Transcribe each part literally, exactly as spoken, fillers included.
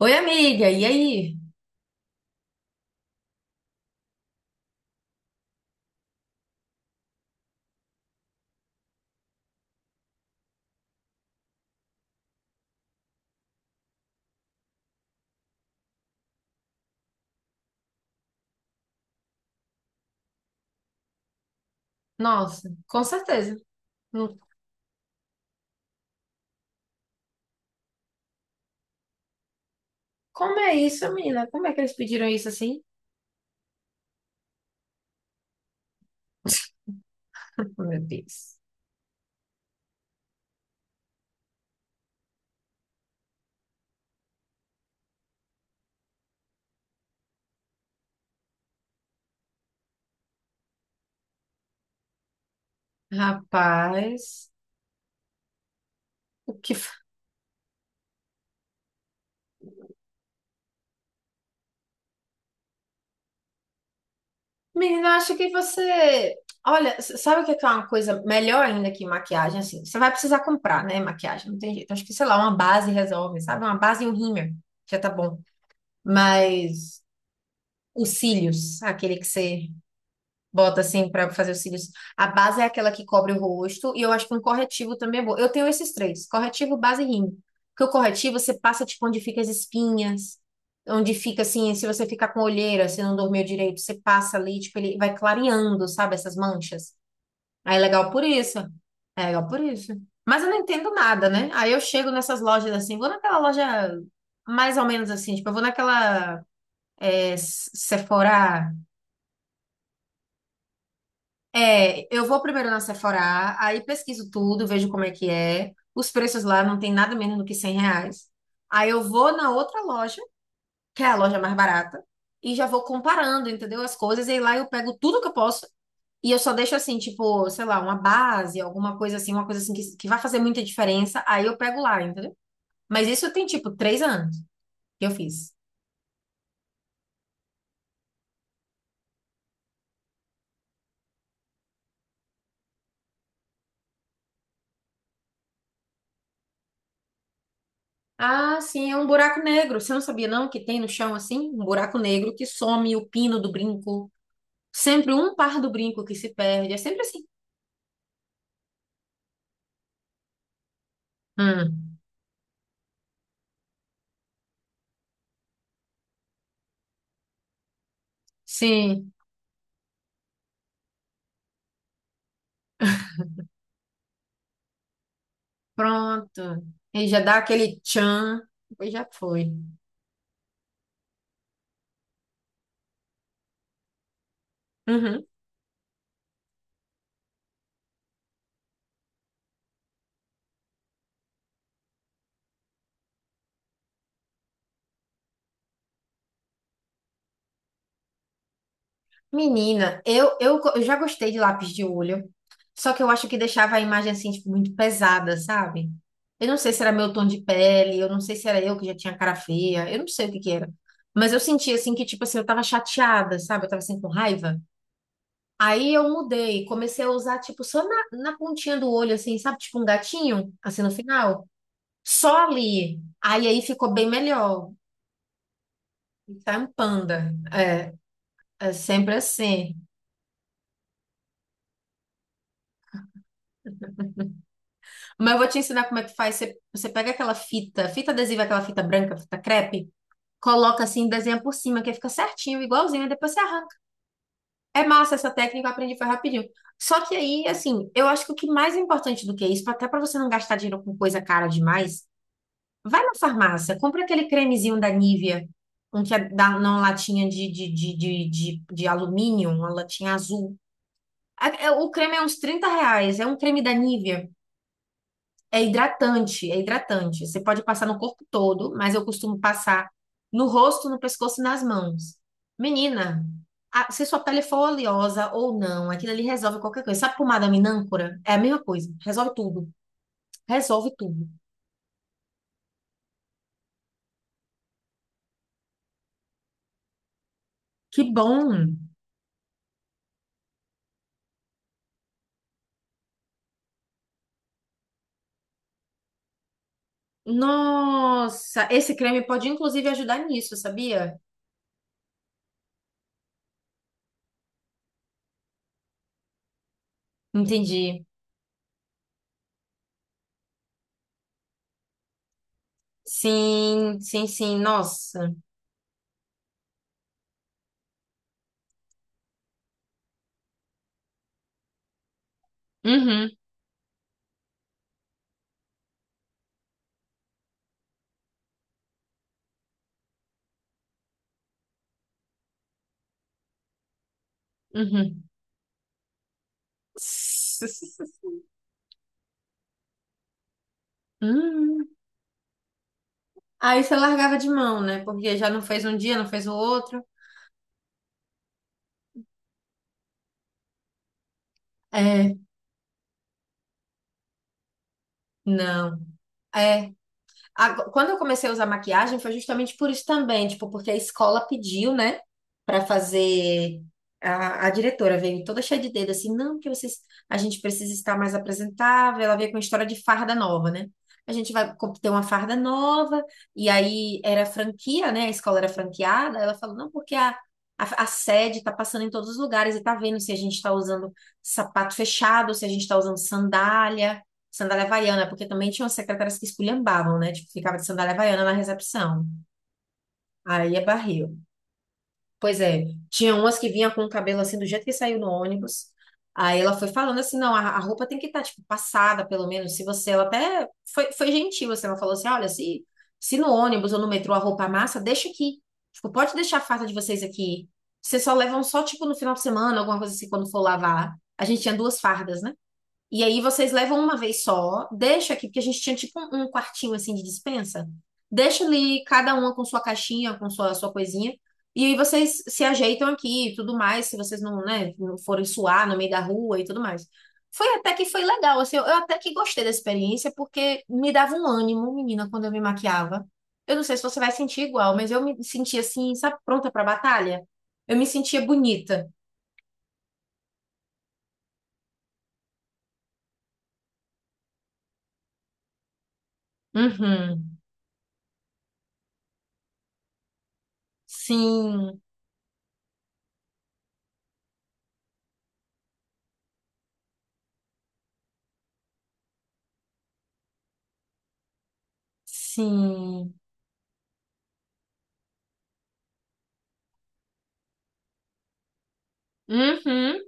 Oi, amiga, e aí? Nossa, com certeza. Hum, Como é isso, menina? Como é que eles pediram isso assim? Meu Deus. Rapaz, o que. fa- menina, eu acho que você. Olha, s- sabe o que é que é uma coisa melhor ainda que maquiagem? Assim, você vai precisar comprar, né? Maquiagem, não tem jeito. Acho que, sei lá, uma base resolve, sabe? Uma base e um rímel, já tá bom. Mas os cílios, aquele que você bota assim pra fazer os cílios. A base é aquela que cobre o rosto e eu acho que um corretivo também é bom. Eu tenho esses três: corretivo, base e rímel. Porque o corretivo você passa tipo onde fica as espinhas, onde fica assim, se você ficar com olheira, se não dormiu direito, você passa ali, tipo, ele vai clareando, sabe, essas manchas. Aí é legal por isso. É legal por isso. Mas eu não entendo nada, né? Aí eu chego nessas lojas assim, vou naquela loja mais ou menos assim, tipo, eu vou naquela é, Sephora. É, eu vou primeiro na Sephora, aí pesquiso tudo, vejo como é que é. Os preços lá não tem nada menos do que cem reais. Aí eu vou na outra loja, que é a loja mais barata, e já vou comparando, entendeu? As coisas, e lá eu pego tudo que eu posso, e eu só deixo assim, tipo, sei lá, uma base, alguma coisa assim, uma coisa assim que, que vai fazer muita diferença, aí eu pego lá, entendeu? Mas isso tem, tipo, três anos que eu fiz. Ah, sim, é um buraco negro. Você não sabia, não, que tem no chão assim? Um buraco negro que some o pino do brinco. Sempre um par do brinco que se perde. É sempre assim. Hum, sim, pronto. E já dá aquele tchan. Depois já foi. Uhum. Menina, eu, eu, eu já gostei de lápis de olho. Só que eu acho que deixava a imagem assim, tipo, muito pesada, sabe? Eu não sei se era meu tom de pele, eu não sei se era eu que já tinha cara feia, eu não sei o que que era. Mas eu sentia assim que, tipo assim, eu tava chateada, sabe? Eu tava assim com raiva. Aí eu mudei, comecei a usar, tipo, só na, na pontinha do olho, assim, sabe? Tipo um gatinho, assim, no final. Só ali. Aí aí ficou bem melhor. Tá um panda. É, é sempre assim. Mas eu vou te ensinar como é que faz. Você, você pega aquela fita, fita adesiva, aquela fita branca, fita crepe, coloca assim, desenha por cima, que fica certinho, igualzinho, e depois você arranca. É massa essa técnica, eu aprendi foi rapidinho. Só que aí, assim, eu acho que o que mais é importante do que isso, até pra você não gastar dinheiro com coisa cara demais, vai na farmácia, compra aquele cremezinho da Nivea, um que é da, numa latinha de, de, de, de, de, de alumínio, uma latinha azul. A- é- O creme é uns trinta reais, é um creme da Nivea. É hidratante, é hidratante. Você pode passar no corpo todo, mas eu costumo passar no rosto, no pescoço e nas mãos. Menina, a- se sua pele for oleosa ou não, aquilo ali resolve qualquer coisa. Sabe pomada minâncora? É a mesma coisa, resolve tudo. Resolve tudo. Que bom! Nossa, esse creme pode inclusive ajudar nisso, sabia? Entendi. Sim, sim, sim. Nossa. Uhum, uhum. Hum. Aí você largava de mão, né? Porque já não fez um dia, não fez o outro. É, não. É. Ago- Quando eu comecei a usar maquiagem foi justamente por isso também, tipo, porque a escola pediu, né, pra fazer a, a diretora veio toda cheia de dedo assim, não, porque vocês a gente precisa estar mais apresentável, ela veio com a história de farda nova, né? A gente vai co- ter uma farda nova, e aí era franquia, né? A escola era franqueada. Ela falou, não, porque a, a, a sede tá passando em todos os lugares e tá vendo se a gente tá usando sapato fechado, se a gente tá usando sandália sandália havaiana, porque também tinham secretárias que esculhambavam, né? Tipo, ficava de sandália havaiana na recepção. Aí é barril. Pois é, tinha umas que vinha com o cabelo assim, do jeito que saiu no ônibus. Aí ela foi falando assim, não, a, a roupa tem que estar, tipo, passada, pelo menos, se você... Ela até foi, foi gentil, assim, ela falou assim, olha, se, se no ônibus ou no metrô a roupa amassa, deixa aqui. Tipo, pode deixar a farda de vocês aqui. Vocês só levam só, tipo, no final de semana, alguma coisa assim, quando for lavar. A gente tinha duas fardas, né? E aí vocês levam uma vez só, deixa aqui, porque a gente tinha tipo um, um quartinho assim de dispensa. Deixa ali cada uma com sua caixinha, com sua, sua coisinha. E aí vocês se ajeitam aqui e tudo mais, se vocês não, né, não forem suar no meio da rua e tudo mais. Foi até que foi legal, assim, eu, eu até que gostei da experiência, porque me dava um ânimo, menina, quando eu me maquiava. Eu não sei se você vai sentir igual, mas eu me sentia assim, sabe, pronta pra batalha? Eu me sentia bonita. Uhum. Sim, sim. Uhum,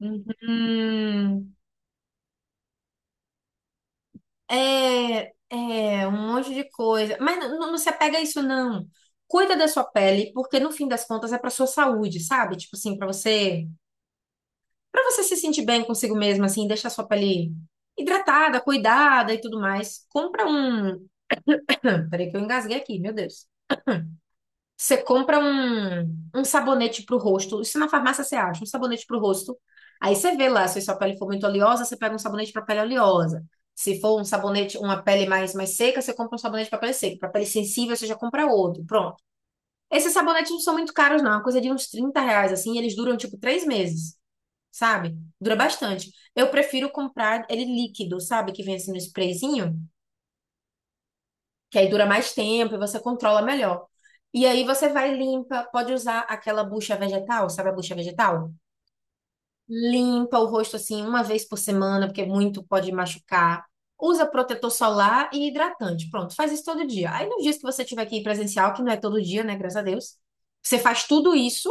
uhum. É, é um monte de coisa. Mas não, não se apega a isso, não. Cuida da sua pele, porque no fim das contas é pra sua saúde, sabe? Tipo assim, pra você, para você se sentir bem consigo mesmo, assim, deixar a sua pele hidratada, cuidada e tudo mais. Compra um. Peraí que eu engasguei aqui, meu Deus. Você compra um, um sabonete pro rosto. Isso na farmácia você acha, um sabonete pro rosto. Aí você vê lá, se sua pele for muito oleosa, você pega um sabonete para pele oleosa. Se for um sabonete, uma pele mais, mais seca, você compra um sabonete para pele seca. Para pele sensível, você já compra outro. Pronto. Esses sabonetes não são muito caros, não. É uma coisa de uns trinta reais, assim. E eles duram, tipo, três meses, sabe? Dura bastante. Eu prefiro comprar ele líquido, sabe? Que vem assim no sprayzinho que aí dura mais tempo e você controla melhor. E aí você vai limpa, pode usar aquela bucha vegetal, sabe a bucha vegetal? Limpa o rosto assim uma vez por semana, porque muito pode machucar. Usa protetor solar e hidratante. Pronto, faz isso todo dia. Aí nos dias que você tiver que ir presencial, que não é todo dia, né, graças a Deus, você faz tudo isso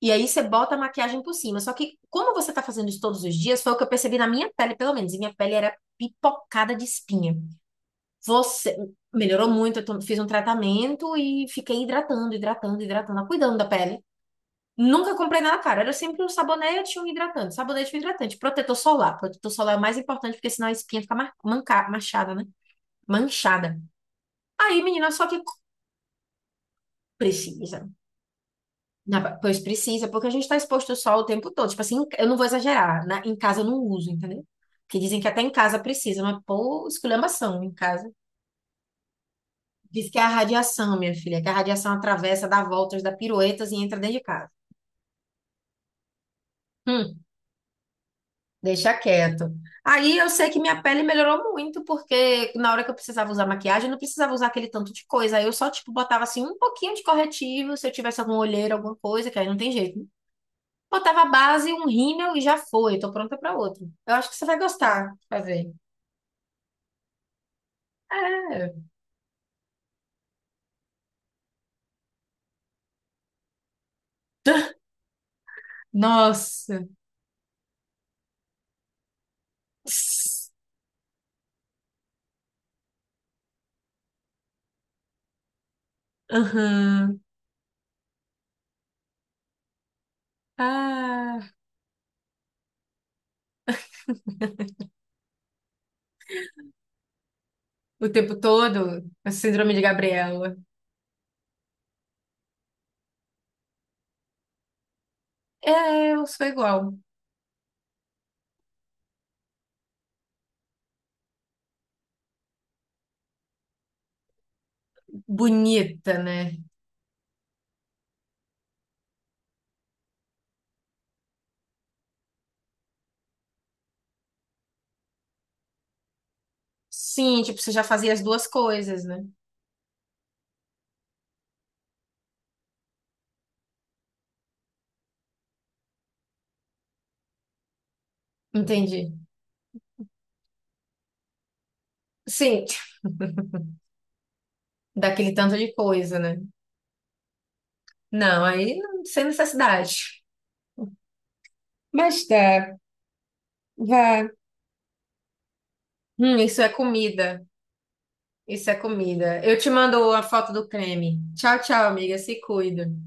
e aí você bota a maquiagem por cima. Só que como você tá fazendo isso todos os dias, foi o que eu percebi na minha pele, pelo menos, e minha pele era pipocada de espinha. Você melhorou muito, eu to- fiz um tratamento e fiquei hidratando, hidratando, hidratando, cuidando da pele. Nunca comprei nada caro, era sempre um sabonete e um hidratante, sabonete e um hidratante, protetor solar. Protetor solar é o mais importante porque senão a espinha fica mar- manca- manchada, né? Manchada. Aí, menina, só que precisa. Na- Pois precisa, porque a gente está exposto ao sol o tempo todo. Tipo assim, eu não vou exagerar, na- em casa eu não uso, entendeu? Que dizem que até em casa precisa, mas pô, esculhambação em casa. Diz que é a radiação, minha filha, que a radiação atravessa, dá voltas, dá piruetas e entra dentro de casa. Hum, deixa quieto. Aí eu sei que minha pele melhorou muito, porque na hora que eu precisava usar maquiagem, eu não precisava usar aquele tanto de coisa. Aí eu só, tipo, botava assim um pouquinho de corretivo, se eu tivesse alguma olheira, alguma coisa, que aí não tem jeito, né? Botava a base, um rímel e já foi. Tô pronta pra outro. Eu acho que você vai gostar de fazer. É. Nossa. Aham. Ah, o tempo todo, a síndrome de Gabriela. É, eu sou igual. Bonita, né? Sim, tipo, você já fazia as duas coisas, né? Entendi. Sim, daquele tanto de coisa, né? Não, aí não, sem necessidade. Mas tá, vá. Hum, isso é comida. Isso é comida. Eu te mando a foto do creme. Tchau, tchau, amiga. Se cuida.